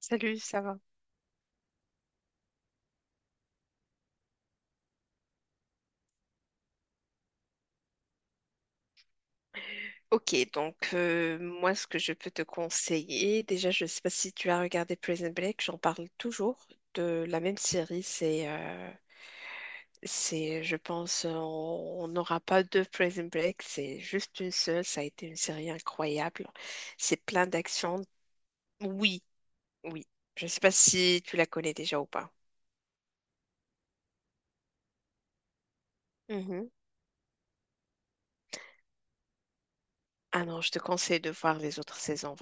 Salut, ça va? Ok, donc moi, ce que je peux te conseiller, déjà, je ne sais pas si tu as regardé Prison Break, j'en parle toujours de la même série. C'est, je pense, on n'aura pas deux Prison Break, c'est juste une seule. Ça a été une série incroyable. C'est plein d'action. Oui, oui. Je ne sais pas si tu la connais déjà ou pas. Mhm. Ah non, je te conseille de voir les autres saisons.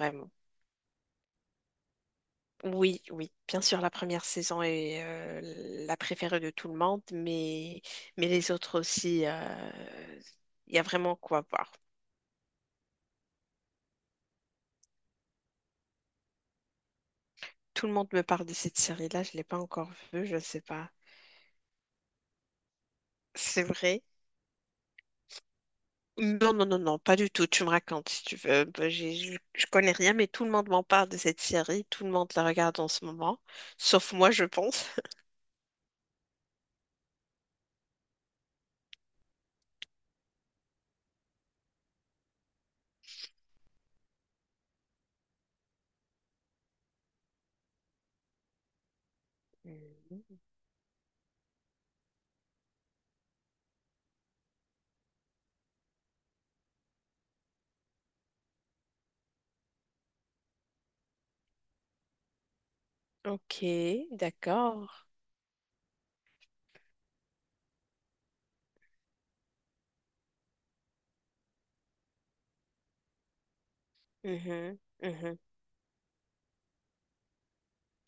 Oui, oui, bien sûr, la première saison est la préférée de tout le monde, mais les autres aussi, il y a vraiment quoi voir. Tout le monde me parle de cette série-là, je ne l'ai pas encore vue, je ne sais pas. C'est vrai? Non, non, non, non, pas du tout, tu me racontes si tu veux. Bah, je connais rien, mais tout le monde m'en parle de cette série, tout le monde la regarde en ce moment, sauf moi, je pense. Mhm. Ok, d'accord. Mhm, mhm.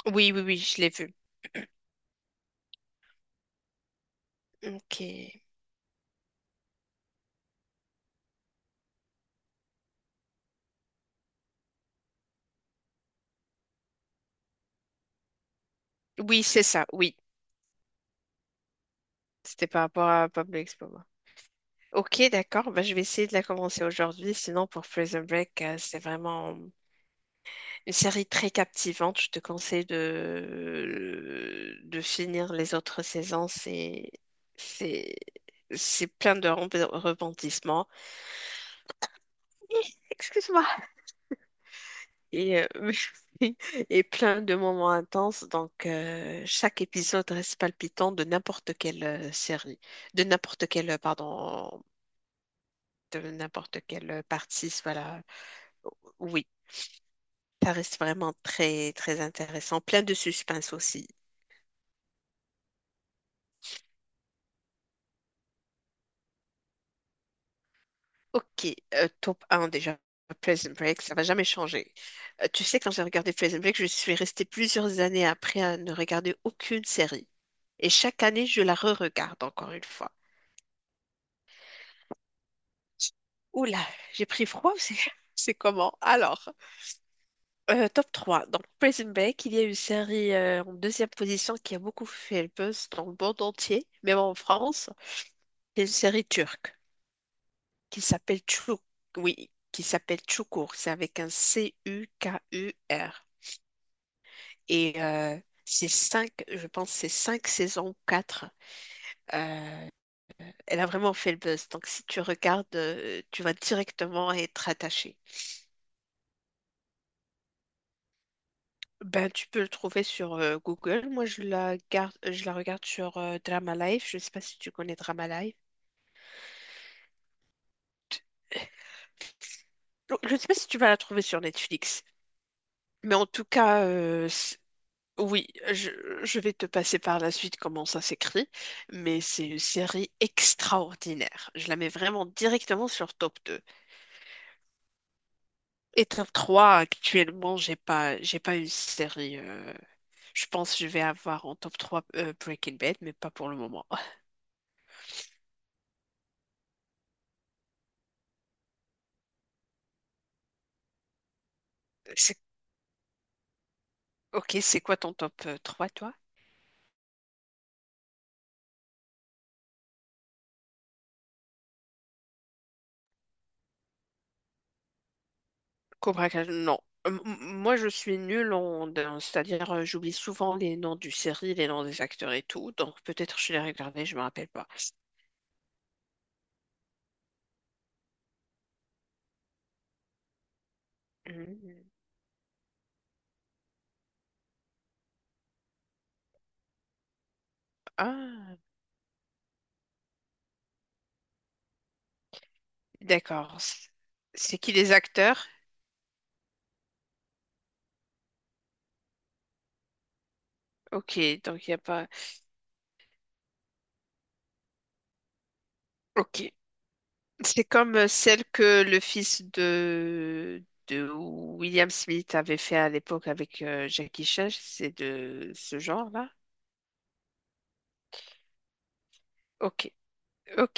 Oui, oui, oui, je l'ai vue. Ok. Oui, c'est ça, oui. C'était par rapport à Pablo Escobar. Ok, d'accord, bah, je vais essayer de la commencer aujourd'hui. Sinon, pour Prison Break, c'est vraiment une série très captivante. Je te conseille de finir les autres saisons. C'est, c'est plein de repentissements. Hi, excuse-moi. Et, et plein de moments intenses. Donc, chaque épisode reste palpitant de n'importe quelle série, de n'importe quelle, pardon, de n'importe quel partie. Voilà. Oui, ça reste vraiment très, très intéressant. Plein de suspense aussi. Ok, top un déjà. Prison Break, ça va jamais changer. Tu sais, quand j'ai regardé Prison Break, je suis restée plusieurs années après à ne regarder aucune série. Et chaque année, je la re-regarde encore une fois. Oula, j'ai pris froid, ou c'est c'est comment? Alors, top 3. Donc, Prison Break, il y a une série en deuxième position qui a beaucoup fait le buzz dans le monde entier, même en France. C'est une série turque qui s'appelle Çukur. Oui, qui s'appelle Çukur. C'est avec un Cukur. Et c'est cinq, je pense, que c'est cinq saisons ou quatre. Euh, Elle a vraiment fait le buzz. Donc si tu regardes, tu vas directement être attaché. Ben, tu peux le trouver sur Google. Moi, je la regarde sur Drama Life. Je ne sais pas si tu connais Drama Life. Je ne sais pas si tu vas la trouver sur Netflix. Mais en tout cas. Oui, je, je vais te passer par la suite comment ça s'écrit, mais c'est une série extraordinaire. Je la mets vraiment directement sur top 2. Et top 3, actuellement, j'ai pas une série. Je pense que je vais avoir en top 3 Breaking Bad, mais pas pour le moment. C'est- Ok, c'est quoi ton top 3, toi? Cobra Kai, non. Moi, je suis nulle c'est-à-dire, j'oublie souvent les noms du série, les noms des acteurs et tout, donc peut-être je les regardais, je me rappelle pas. Mhm. Ah, d'accord. C'est qui les acteurs? Ok, donc il n'y a pas. Ok. C'est comme celle que le fils de William Smith avait fait à l'époque avec Jackie Chan, c'est de ce genre-là. Ok, ok.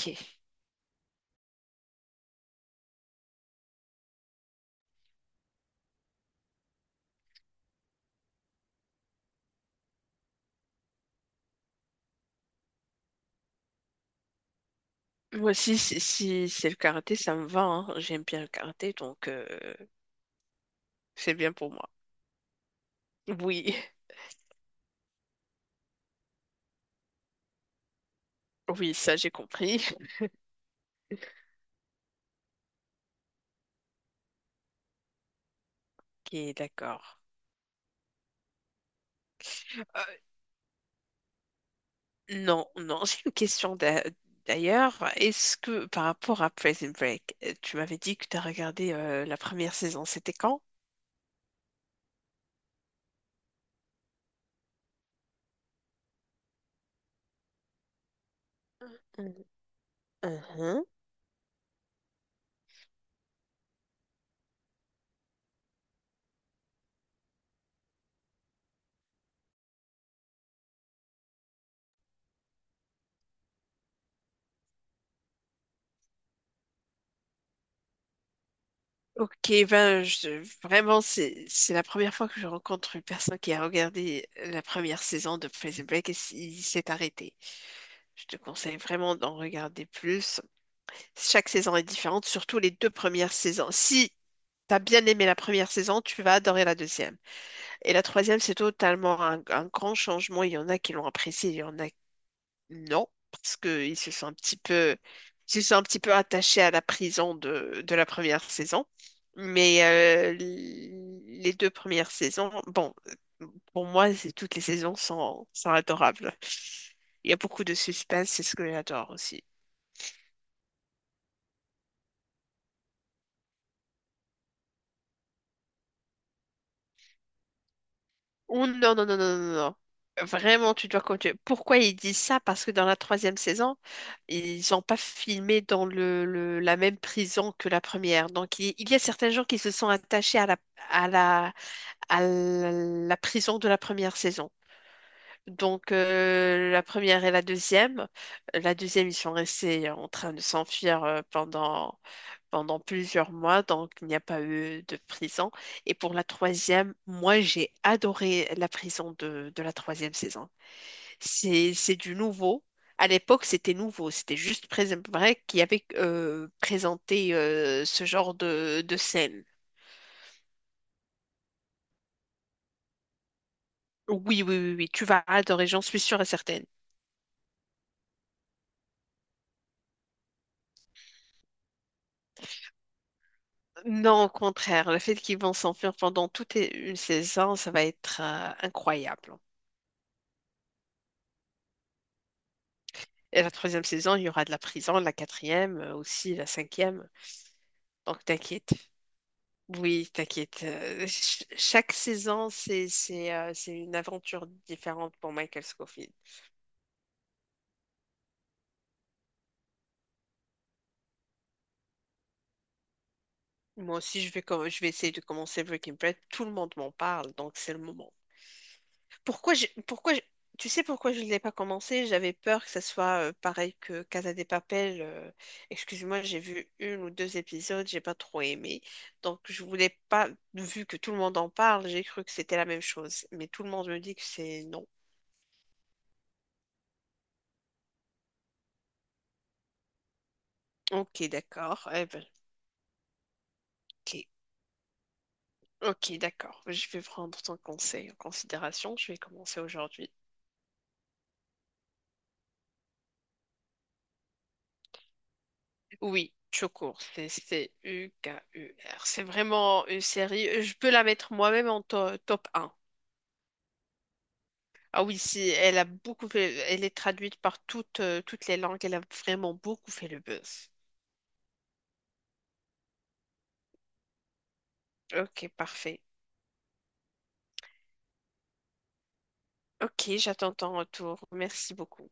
Moi aussi, si, si c'est le karaté, ça me va, hein. J'aime bien le karaté, donc c'est bien pour moi. Oui, oui, ça j'ai compris. Ok, d'accord. Euh, Non, non, j'ai une question d'ailleurs. Est-ce que par rapport à Prison Break, tu m'avais dit que tu as regardé la première saison, c'était quand? Mhm. Mhm. Ok, ben vraiment, c'est la première fois que je rencontre une personne qui a regardé la première saison de Prison Break et il s'est arrêté. Je te conseille vraiment d'en regarder plus. Chaque saison est différente, surtout les deux premières saisons. Si tu as bien aimé la première saison, tu vas adorer la deuxième. Et la troisième, c'est totalement un grand changement. Il y en a qui l'ont apprécié, il y en a non, parce qu'ils se sont un petit peu attachés à la prison de la première saison. Mais les deux premières saisons, bon, pour moi, toutes les saisons sont, sont adorables. Il y a beaucoup de suspense, c'est ce que j'adore aussi. Oh non, non, non, non, non, non. Vraiment, tu dois continuer. Pourquoi ils disent ça? Parce que dans la troisième saison, ils n'ont pas filmé dans la même prison que la première. Donc, il y a certains gens qui se sont attachés à la, à la prison de la première saison. Donc, la première et la deuxième. La deuxième, ils sont restés en train de s'enfuir pendant plusieurs mois, donc il n'y a pas eu de prison. Et pour la troisième, moi, j'ai adoré la prison de la troisième saison. C'est du nouveau. À l'époque, c'était nouveau. C'était juste Prison Break qui avait présenté ce genre de scène. Oui, oui, oui, oui, tu vas adorer, j'en suis sûre et certaine. Non, au contraire, le fait qu'ils vont s'enfuir pendant toute une saison, ça va être incroyable. Et la troisième saison, il y aura de la prison, la quatrième aussi, la cinquième. Donc t'inquiète. Oui, t'inquiète. Chaque saison, c'est une aventure différente pour Michael Scofield. Moi aussi, je vais essayer de commencer Breaking Bad. Tout le monde m'en parle, donc c'est le moment. Pourquoi j'ai pourquoi j'ai- Tu sais pourquoi je ne l'ai pas commencé? J'avais peur que ça soit pareil que Casa de Papel. Excuse-moi, j'ai vu une ou deux épisodes, j'ai pas trop aimé. Donc je voulais pas, vu que tout le monde en parle, j'ai cru que c'était la même chose. Mais tout le monde me dit que c'est non. Ok, d'accord. Eh ben. Ok, ok, d'accord. Je vais prendre ton conseil en considération. Je vais commencer aujourd'hui. Oui, Chocour, c'est Cukur. C'est vraiment une série. Je peux la mettre moi-même en top un. Ah oui, si, elle a beaucoup elle est traduite par toutes les langues. Elle a vraiment beaucoup fait le buzz. Ok, parfait. Ok, j'attends ton retour. Merci beaucoup.